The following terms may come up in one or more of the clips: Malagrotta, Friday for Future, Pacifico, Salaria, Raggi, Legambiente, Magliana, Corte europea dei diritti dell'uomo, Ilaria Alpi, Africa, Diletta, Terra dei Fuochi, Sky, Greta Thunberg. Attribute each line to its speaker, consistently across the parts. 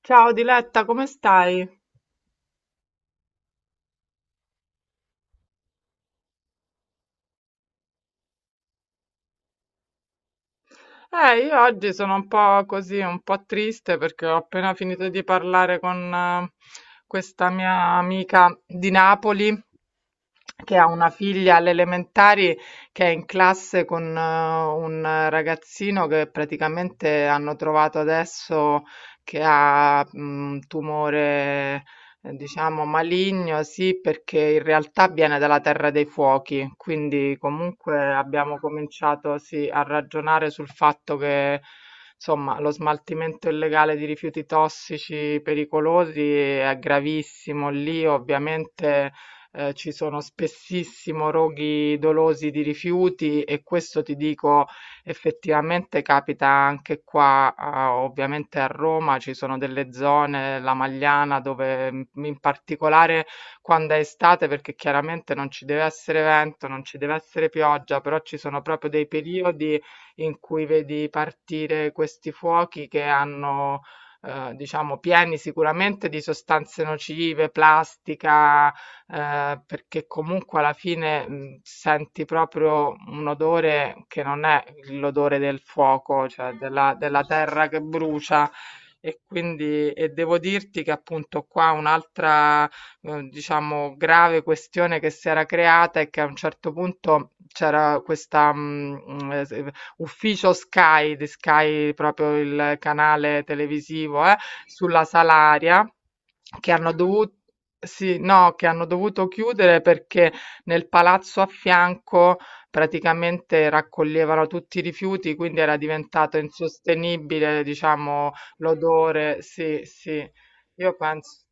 Speaker 1: Ciao Diletta, come stai? Io oggi sono un po' così, un po' triste perché ho appena finito di parlare con questa mia amica di Napoli che ha una figlia alle elementari che è in classe con un ragazzino che praticamente hanno trovato adesso che ha un tumore. Diciamo maligno, sì, perché in realtà viene dalla Terra dei Fuochi, quindi comunque abbiamo cominciato, sì, a ragionare sul fatto che, insomma, lo smaltimento illegale di rifiuti tossici pericolosi è gravissimo. Lì ovviamente ci sono spessissimo roghi dolosi di rifiuti e questo ti dico. Effettivamente capita anche qua, a ovviamente a Roma ci sono delle zone, la Magliana, dove in particolare quando è estate, perché chiaramente non ci deve essere vento, non ci deve essere pioggia, però ci sono proprio dei periodi in cui vedi partire questi fuochi che hanno, diciamo pieni sicuramente di sostanze nocive, plastica, perché comunque alla fine, senti proprio un odore che non è l'odore del fuoco, cioè della terra che brucia. E quindi e devo dirti che appunto qua un'altra, diciamo grave questione che si era creata è che a un certo punto c'era questa, mhmm, s ufficio Sky, di Sky proprio il canale televisivo, sulla Salaria che hanno dovu sì, no, che hanno dovuto chiudere perché nel palazzo a fianco praticamente raccoglievano tutti i rifiuti, quindi era diventato insostenibile, diciamo, l'odore. Sì, sì, io penso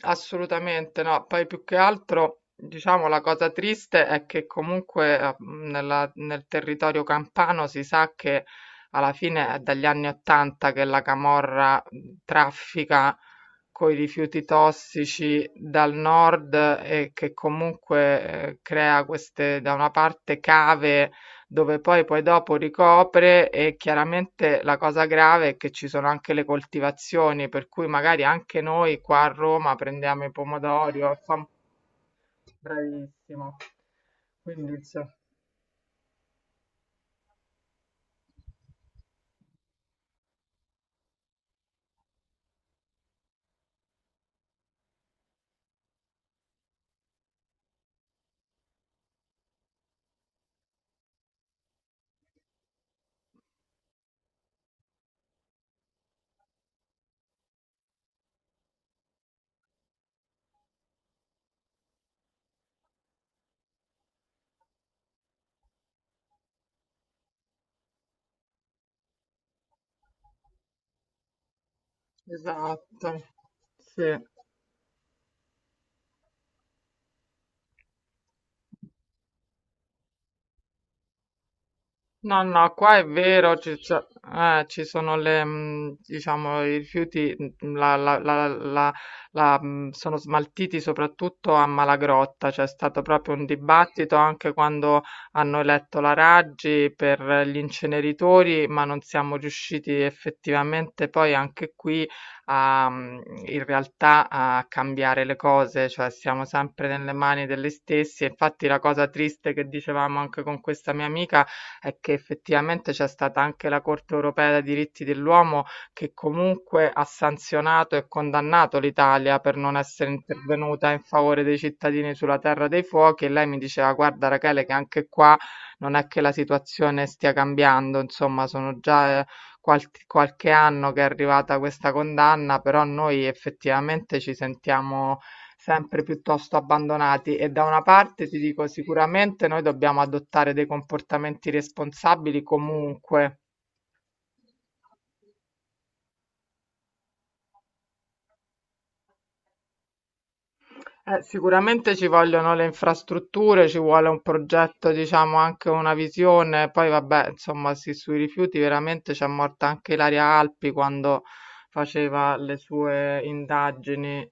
Speaker 1: assolutamente no. Poi più che altro, diciamo, la cosa triste è che comunque nel territorio campano si sa che alla fine è dagli anni 80 che la camorra traffica coi rifiuti tossici dal nord e che comunque crea queste, da una parte, cave dove poi dopo ricopre e chiaramente la cosa grave è che ci sono anche le coltivazioni, per cui magari anche noi qua a Roma prendiamo i pomodori, o insomma, bravissimo. Quindi, insomma, esatto, sì. No, no, qua è vero, ci sono le, diciamo, i rifiuti, sono smaltiti soprattutto a Malagrotta, c'è stato proprio un dibattito anche quando hanno eletto la Raggi per gli inceneritori, ma non siamo riusciti effettivamente poi anche qui a, in realtà a cambiare le cose, cioè siamo sempre nelle mani degli stessi, infatti la cosa triste che dicevamo anche con questa mia amica è che effettivamente c'è stata anche la Corte europea dei diritti dell'uomo che comunque ha sanzionato e condannato l'Italia per non essere intervenuta in favore dei cittadini sulla Terra dei Fuochi e lei mi diceva guarda Rachele che anche qua non è che la situazione stia cambiando, insomma sono già qualche anno che è arrivata questa condanna, però noi effettivamente ci sentiamo sempre piuttosto abbandonati e da una parte ti dico sicuramente noi dobbiamo adottare dei comportamenti responsabili comunque. Sicuramente ci vogliono le infrastrutture, ci vuole un progetto, diciamo anche una visione, poi vabbè, insomma, sì, sui rifiuti veramente c'è morta anche Ilaria Alpi quando faceva le sue indagini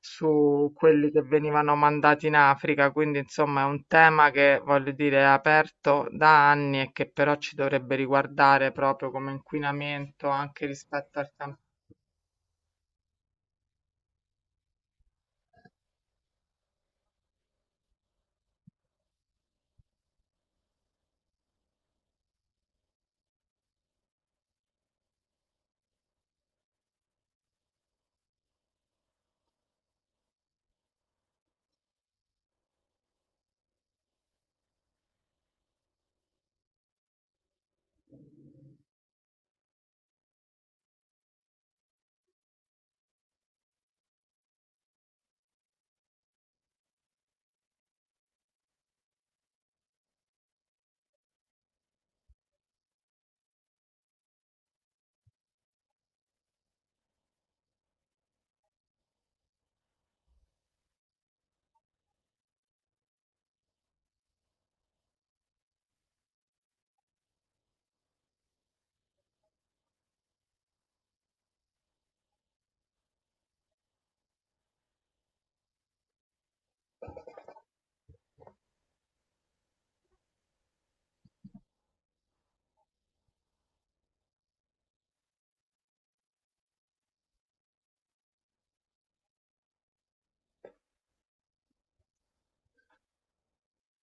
Speaker 1: su quelli che venivano mandati in Africa, quindi insomma è un tema che voglio dire è aperto da anni e che però ci dovrebbe riguardare proprio come inquinamento anche rispetto al campo.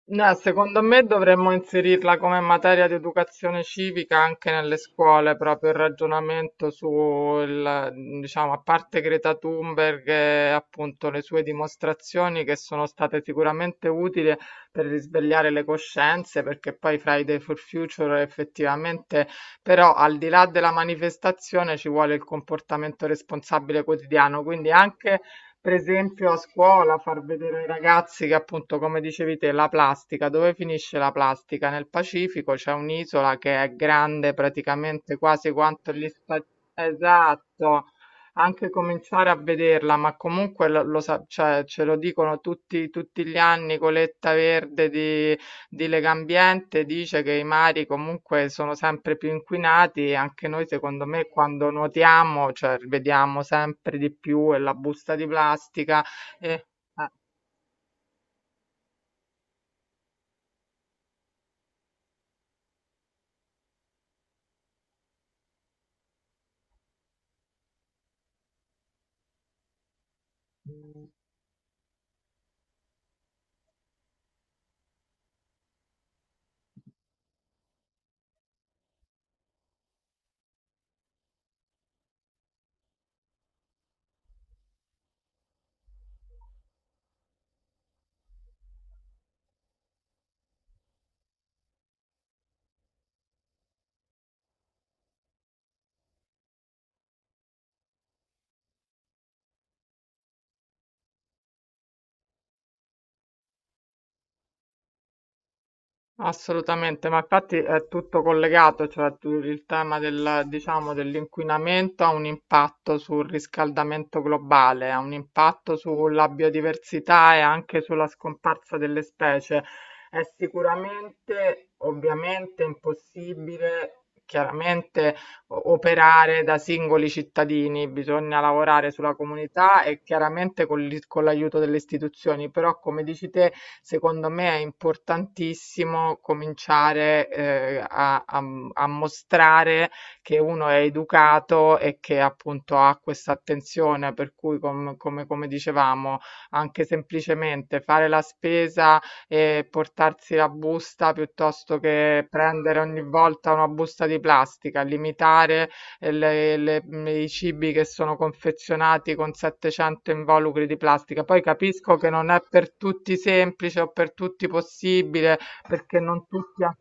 Speaker 1: No, secondo me dovremmo inserirla come materia di educazione civica anche nelle scuole, proprio il ragionamento sul, diciamo, a parte Greta Thunberg e appunto le sue dimostrazioni che sono state sicuramente utili per risvegliare le coscienze, perché poi Friday for Future effettivamente, però al di là della manifestazione ci vuole il comportamento responsabile quotidiano, quindi anche per esempio a scuola far vedere ai ragazzi che appunto, come dicevi te, la plastica, dove finisce la plastica? Nel Pacifico c'è un'isola che è grande praticamente quasi quanto gli Stati... Esatto, anche cominciare a vederla, ma comunque cioè, ce lo dicono tutti, tutti gli anni, coletta verde di Legambiente dice che i mari comunque sono sempre più inquinati e anche noi secondo me quando nuotiamo, cioè vediamo sempre di più e la busta di plastica e eh. Assolutamente, ma infatti è tutto collegato, cioè il tema del, diciamo, dell'inquinamento ha un impatto sul riscaldamento globale, ha un impatto sulla biodiversità e anche sulla scomparsa delle specie. È sicuramente, ovviamente, impossibile, chiaramente operare da singoli cittadini, bisogna lavorare sulla comunità e chiaramente con con l'aiuto delle istituzioni, però come dici te, secondo me è importantissimo cominciare a mostrare che uno è educato e che appunto ha questa attenzione, per cui come dicevamo, anche semplicemente fare la spesa e portarsi la busta piuttosto che prendere ogni volta una busta di plastica, limitare eh, le- le- i cibi che sono confezionati con 700 involucri di plastica. Poi capisco che non è per tutti semplice o per tutti possibile, perché non tutti hanno...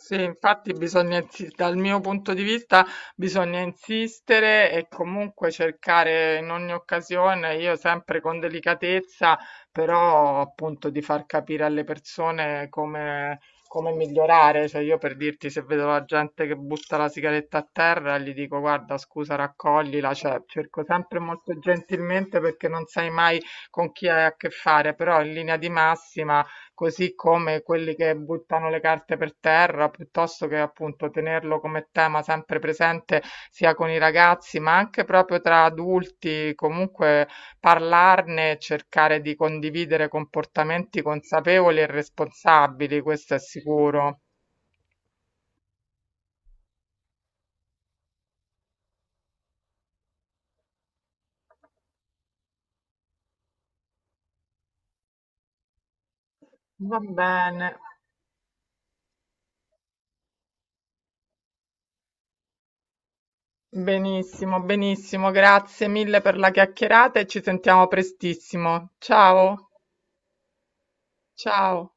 Speaker 1: Sì, infatti bisogna dal mio punto di vista bisogna insistere e comunque cercare in ogni occasione, io sempre con delicatezza, però appunto di far capire alle persone come, come migliorare. Cioè io per dirti se vedo la gente che butta la sigaretta a terra, gli dico guarda scusa raccoglila, cioè cerco sempre molto gentilmente perché non sai mai con chi hai a che fare, però in linea di massima così come quelli che buttano le carte per terra, piuttosto che appunto tenerlo come tema sempre presente sia con i ragazzi, ma anche proprio tra adulti, comunque parlarne, e cercare di condividere comportamenti consapevoli e responsabili, questo è sicuro. Va bene. Benissimo, benissimo, grazie mille per la chiacchierata e ci sentiamo prestissimo. Ciao, ciao.